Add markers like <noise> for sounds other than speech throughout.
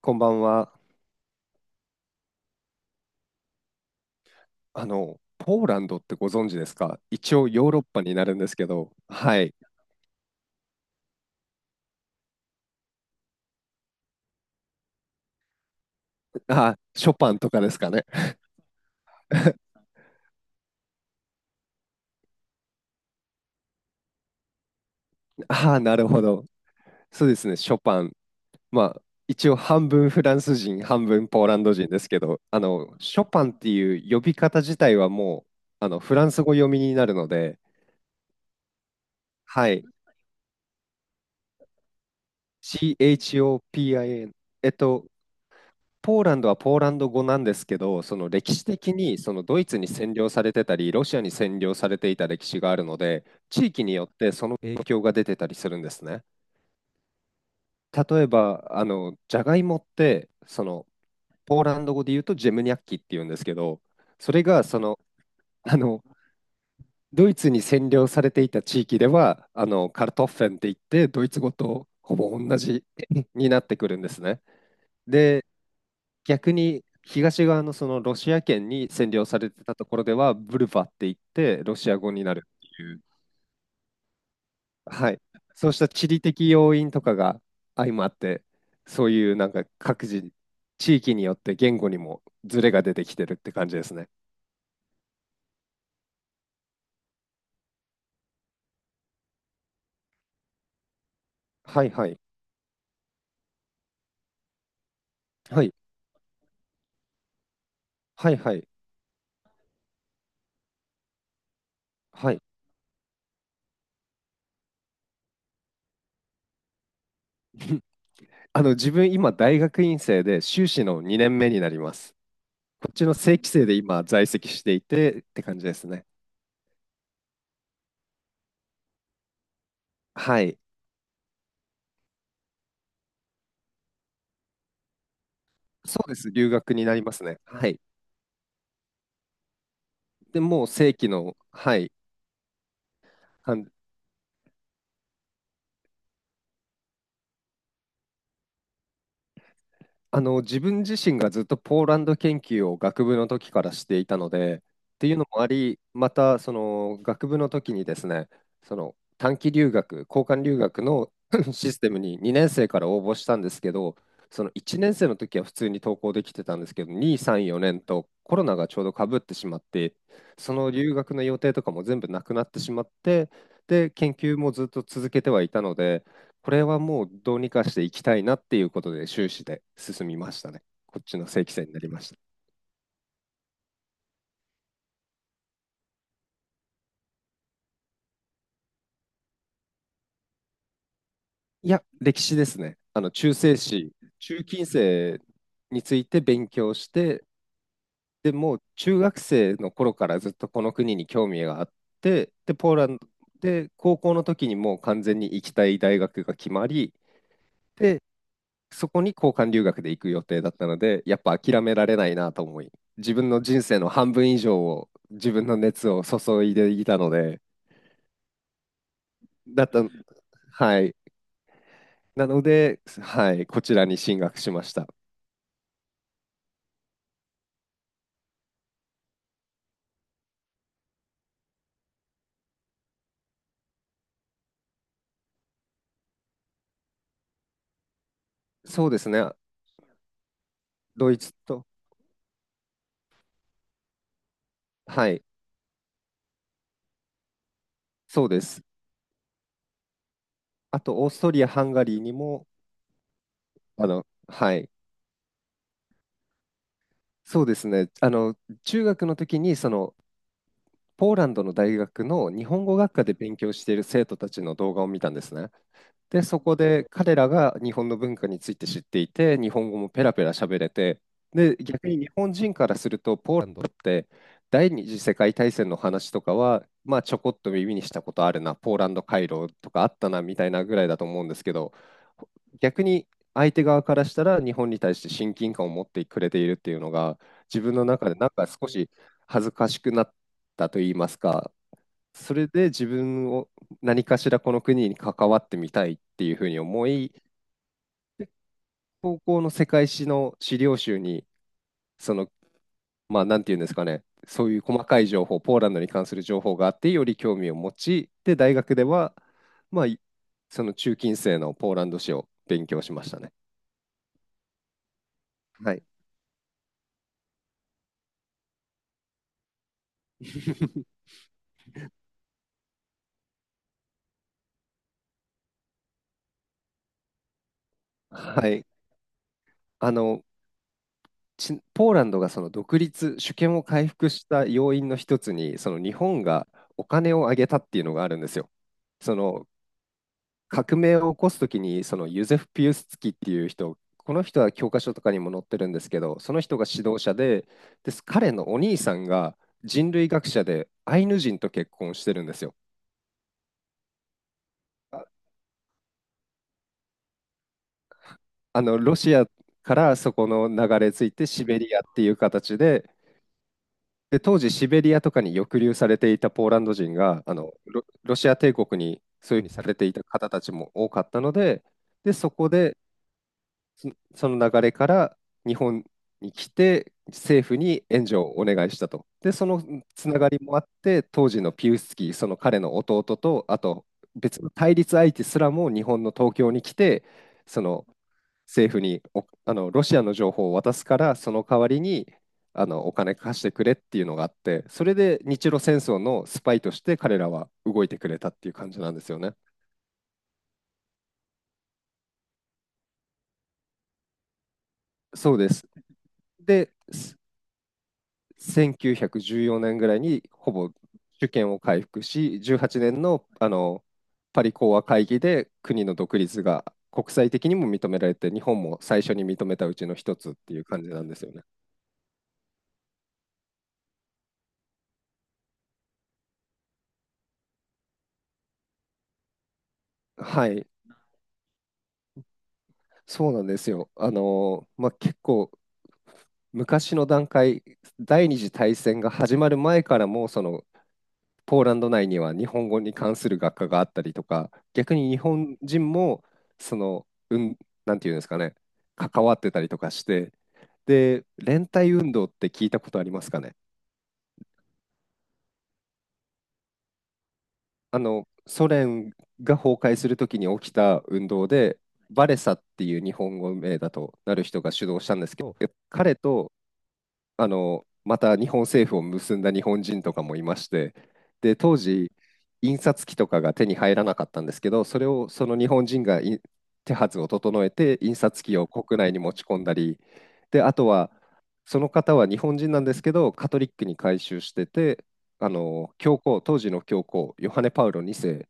こんばんは。ポーランドってご存知ですか？一応ヨーロッパになるんですけど、はい。あ、ショパンとかですかね。<laughs> ああ、なるほど。そうですね、ショパン。まあ、一応半分フランス人、半分ポーランド人ですけど、ショパンっていう呼び方自体はもう、フランス語読みになるので、はい。CHOPIN。えっと、ポーランドはポーランド語なんですけど、その歴史的にそのドイツに占領されてたり、ロシアに占領されていた歴史があるので、地域によってその影響が出てたりするんですね。例えば、じゃがいもって、ポーランド語で言うとジェムニャッキって言うんですけど、それがあの、ドイツに占領されていた地域では、カルトッフェンって言って、ドイツ語とほぼ同じ <laughs> になってくるんですね。で、逆に東側のそのロシア圏に占領されてたところでは、ブルバって言って、ロシア語になるっていう、はい、そうした地理的要因とかが相まって、そういうなんか各自、地域によって言語にもズレが出てきてるって感じですね。はいはい。はい。はいはい。はい。<laughs> 自分今大学院生で修士の2年目になります。こっちの正規生で今在籍していてって感じですね。はい。そうです。留学になりますね。はい。でもう正規の、はい、あの、自分自身がずっとポーランド研究を学部の時からしていたので、っていうのもあり、またその学部の時にですね、その短期留学、交換留学の <laughs> システムに2年生から応募したんですけど、その1年生の時は普通に登校できてたんですけど、2、3、4年とコロナがちょうどかぶってしまって、その留学の予定とかも全部なくなってしまって、で、研究もずっと続けてはいたので、これはもうどうにかしていきたいなっていうことで終始で進みましたね。こっちの正規生になりました。いや、歴史ですね。中世史、中近世について勉強して、でもう中学生の頃からずっとこの国に興味があって、で、ポーランドで高校の時にもう完全に行きたい大学が決まり、で、そこに交換留学で行く予定だったので、やっぱ諦められないなと思い、自分の人生の半分以上を自分の熱を注いでいたので、だった、はい。なので、はい、こちらに進学しました。そうですね、ドイツと、はい、そうです。あと、オーストリア、ハンガリーにも、はい、そうですね、中学の時に、その、ポーランドの大学の日本語学科で勉強している生徒たちの動画を見たんですね。で、そこで彼らが日本の文化について知っていて、日本語もペラペラ喋れて、で、逆に日本人からすると、ポーランドって第二次世界大戦の話とかは、まあ、ちょこっと耳にしたことあるな、ポーランド回廊とかあったなみたいなぐらいだと思うんですけど、逆に相手側からしたら日本に対して親近感を持ってくれているっていうのが、自分の中でなんか少し恥ずかしくなったといいますか、それで自分を何かしらこの国に関わってみたいっていうふうに思い、高校の世界史の資料集に、その、まあ、なんていうんですかね、そういう細かい情報、ポーランドに関する情報があって、より興味を持ち、で、大学では、まあ、その中近世のポーランド史を勉強しましたね。はい。<laughs> はい。あの、ポーランドがその独立、主権を回復した要因の一つに、その日本がお金を上げたっていうのがあるんですよ。その革命を起こすときに、そのユゼフ・ピウスツキっていう人、この人は教科書とかにも載ってるんですけど、その人が指導者で、彼のお兄さんが人類学者でアイヌ人と結婚してるんですよ。あロシアからそこの流れ着いてシベリアっていう形で、当時シベリアとかに抑留されていたポーランド人が、ロシア帝国にそういうふうにされていた方たちも多かったので、で、そこで、そその流れから日本に来て、政府に援助をお願いしたと。で、そのつながりもあって、当時のピウスキー、その彼の弟と、あと別の対立相手すらも日本の東京に来て、その政府におあのロシアの情報を渡すからその代わりにお金貸してくれっていうのがあってそれで日露戦争のスパイとして彼らは動いてくれたっていう感じなんですよね。そうです。1914年ぐらいにほぼ主権を回復し18年の、パリ講和会議で国の独立が国際的にも認められて日本も最初に認めたうちの一つっていう感じなんですよね。はい、そうなんですよ。まあ、結構昔の段階、第二次大戦が始まる前からも、そのポーランド内には日本語に関する学科があったりとか、逆に日本人もその、なんていうんですかね、関わってたりとかして、で、連帯運動って聞いたことありますかね？ソ連が崩壊するときに起きた運動で、バレサっていう日本語名だとなる人が主導したんですけど、彼とまた日本政府を結んだ日本人とかもいまして、で、当時、印刷機とかが手に入らなかったんですけど、それをその日本人が手はずを整えて、印刷機を国内に持ち込んだり、で、あとは、その方は日本人なんですけど、カトリックに改宗してて、教皇、当時の教皇、ヨハネ・パウロ2世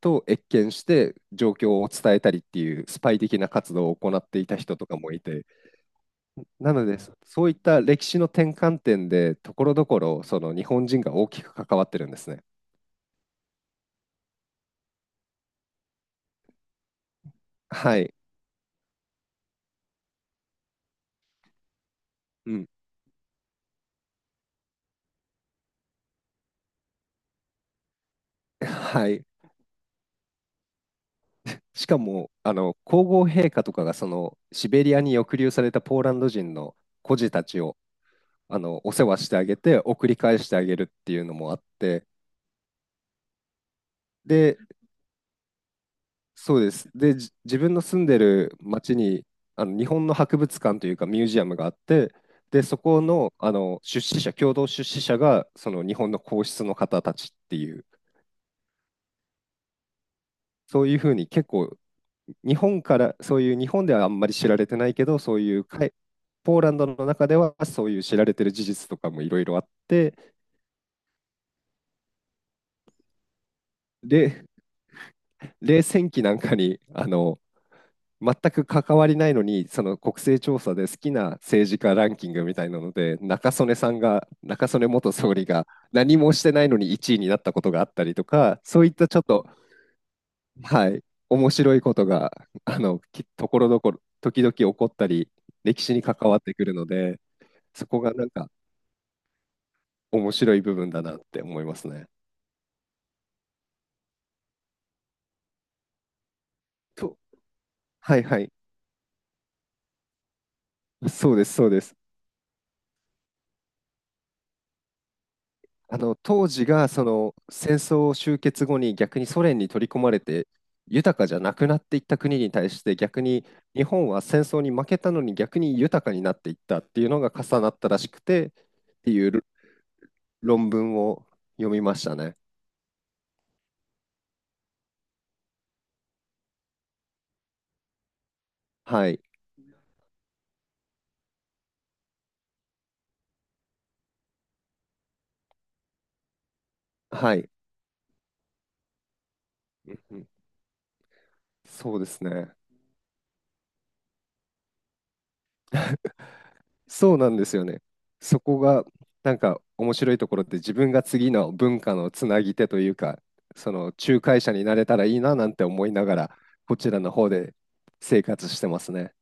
と謁見して、状況を伝えたりっていうスパイ的な活動を行っていた人とかもいて、なので、そういった歴史の転換点で、ところどころ、その日本人が大きく関わってるんですね。はい。うん。<laughs> はい。しかも、皇后陛下とかが、シベリアに抑留されたポーランド人の孤児たちを、お世話してあげて、送り返してあげるっていうのもあって、で、そうです。で、自分の住んでる町にあの日本の博物館というかミュージアムがあって、で、そこの、出資者、共同出資者がその日本の皇室の方たちっていう、そういうふうに結構、日本から、そういう日本ではあんまり知られてないけど、そういうポーランドの中ではそういう知られてる事実とかもいろいろあって、で、冷戦期なんかに全く関わりないのに、その国勢調査で好きな政治家ランキングみたいなので、中曽根元総理が何もしてないのに1位になったことがあったりとか、そういったちょっと、はい、面白いことが、ところどころ、時々起こったり、歴史に関わってくるので、そこがなんか面白い部分だなって思いますね。と、はいはい、そうです、そうです。あの当時がその戦争終結後に逆にソ連に取り込まれて豊かじゃなくなっていった国に対して逆に日本は戦争に負けたのに逆に豊かになっていったっていうのが重なったらしくてっていう論文を読みましたね。はい。はい。うんうんそうですね。<laughs> そうなんですよね。そこがなんか面白いところって自分が次の文化のつなぎ手というか、その仲介者になれたらいいななんて思いながら、こちらの方で生活してますね。